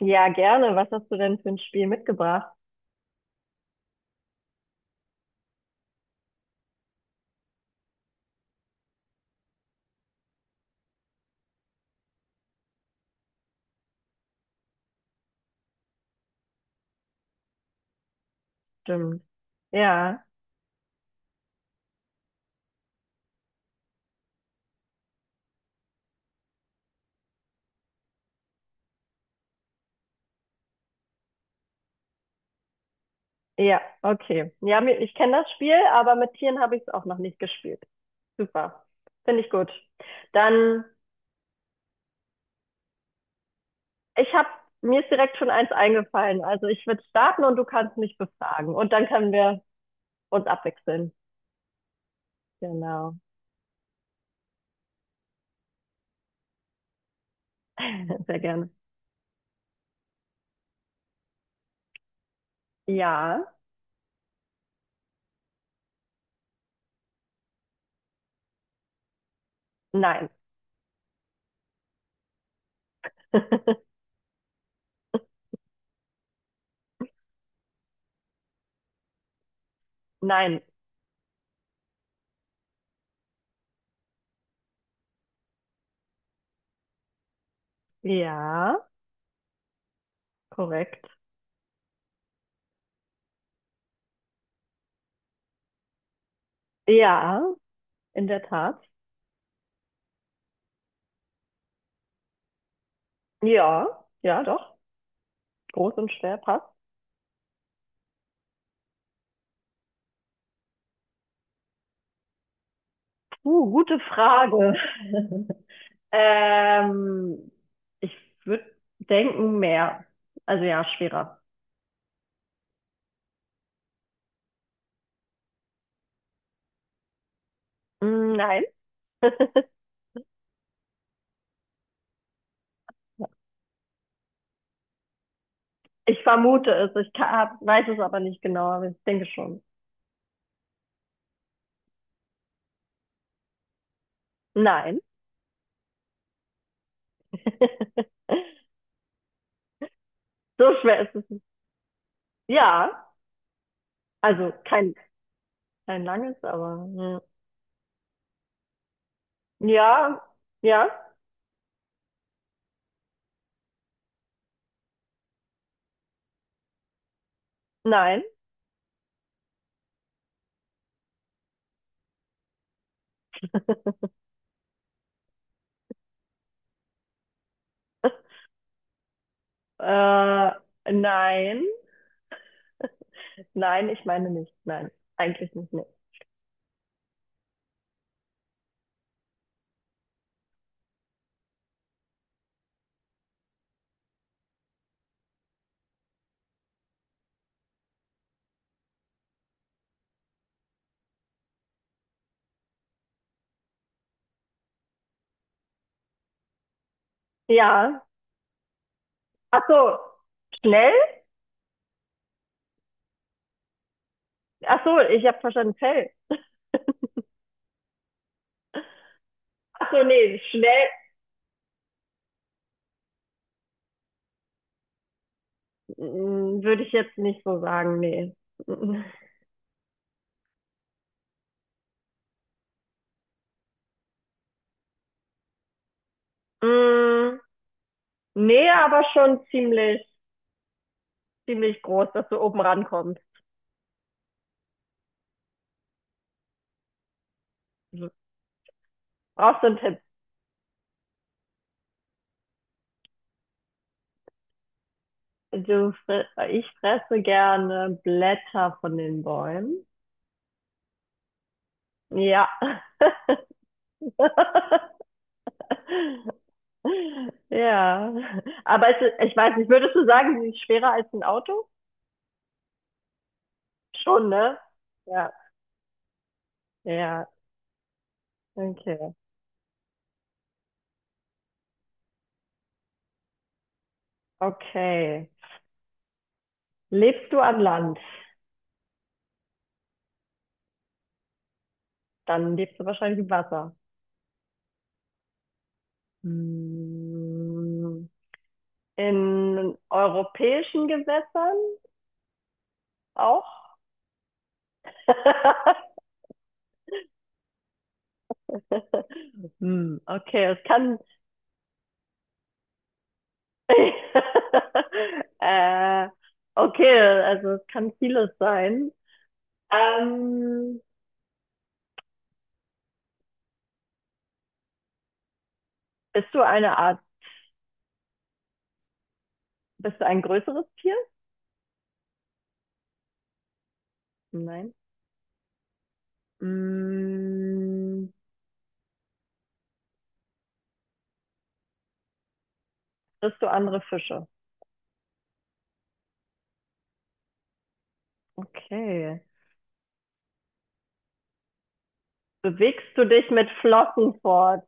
Ja, gerne. Was hast du denn für ein Spiel mitgebracht? Stimmt. Ja, ja, okay. Ja, Ich kenne das Spiel, aber mit Tieren habe ich es auch noch nicht gespielt. Super. Finde ich gut. Dann, ich habe, Mir ist direkt schon eins eingefallen. Also ich würde starten und du kannst mich befragen. Und dann können wir uns abwechseln. Genau. Sehr gerne. Ja, nein, nein. Ja, korrekt. Ja, in der Tat. Ja, ja, doch. Groß und schwer passt. Gute Frage. Ähm, Ich würde denken mehr. Also ja, schwerer. Nein. Ich vermute es. Weiß es aber nicht genau, aber ich denke schon. Nein. So schwer ist es nicht. Ja, also kein langes, aber ja. Ja, ja. Nein. Äh, nein. Nein, ich meine nicht. Nein, eigentlich nicht. Nee. Ja. Ach so, schnell? Ach so, ich habe verstanden, Fell. Ach so, nee, schnell? Würde ich jetzt nicht so sagen, nee. Mm, mm, Nee, aber schon ziemlich groß, dass du oben rankommst. Brauchst du einen Tipp? Du, ich fresse gerne Blätter von den Bäumen. Ja. Ja. Aber ich weiß nicht, würdest du sagen, sie ist schwerer als ein Auto? Schon, ne? Ja. Ja. Okay. Okay. Lebst du an Land? Dann lebst du wahrscheinlich im Wasser. Hm. In europäischen Gewässern auch? Hm, okay, es kann. äh, okay, also es kann vieles sein. Ähm, bist du eine Art, Bist du ein größeres Tier? Nein. Hm, bist du andere Fische? Okay. Bewegst du dich mit Flossen fort?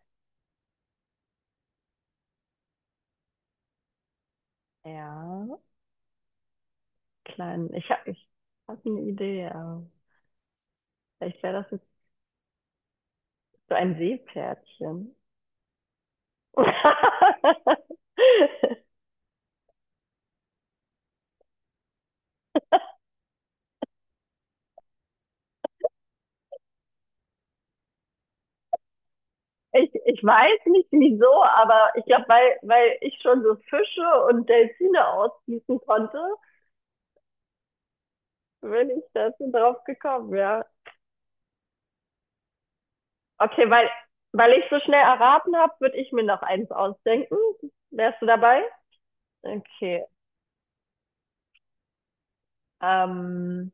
Ja. Kleinen. Ich habe ich hab eine Idee. Aber vielleicht wäre das jetzt so ein Seepferdchen. Ich weiß nicht wieso, aber ich glaube, weil ich schon so Fische und Delfine ausschießen konnte, bin ich dazu drauf gekommen, ja. Okay, weil ich so schnell erraten habe, würde ich mir noch eins ausdenken. Wärst du dabei? Okay, ähm,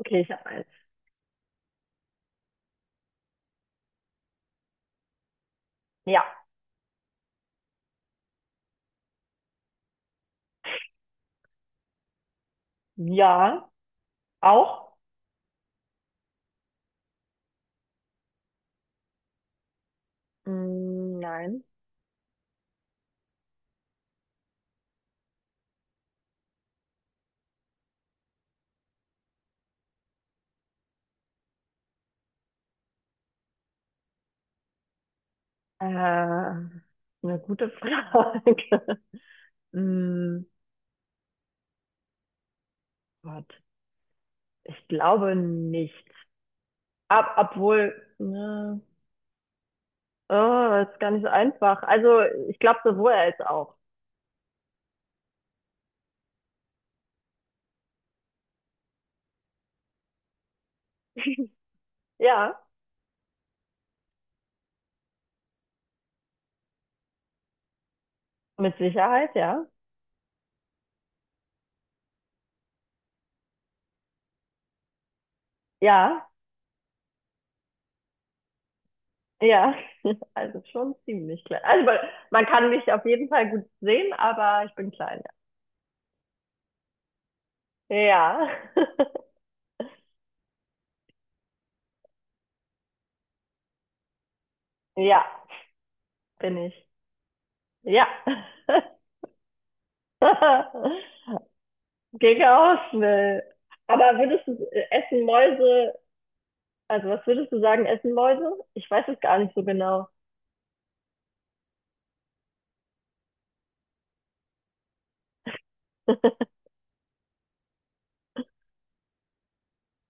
okay, ich habe eins. Ja. Ja, auch? Mm, nein. Eine gute Frage. Hm, Gott, ich glaube nicht. Ab, obwohl, ne, oh, das ist gar nicht so einfach. Also, ich glaube sowohl als auch. Ja, mit Sicherheit, ja. Ja, ja. Also schon ziemlich klein. Also, man kann mich auf jeden Fall gut sehen, aber ich bin klein, ja. Ja, ja, bin ich. Ja. Gegen außen, ey. Aber würdest du, essen Mäuse, also was würdest du sagen, essen Mäuse? Ich weiß es gar nicht so genau.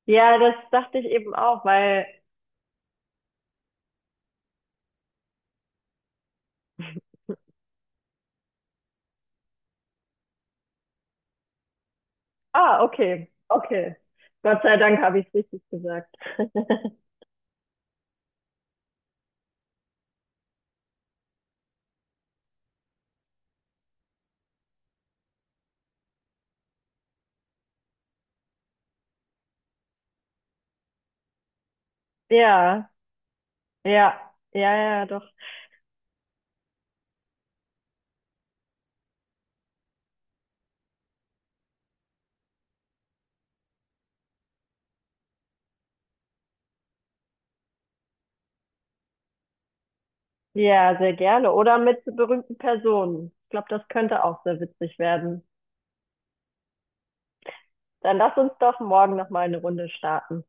Ja, das dachte ich eben auch, weil, ah, okay, okay. Gott sei Dank habe ich es richtig gesagt. Ja, ja, ja, ja, doch. Ja, sehr gerne. Oder mit berühmten Personen. Ich glaube, das könnte auch sehr witzig werden. Dann lass uns doch morgen noch mal eine Runde starten.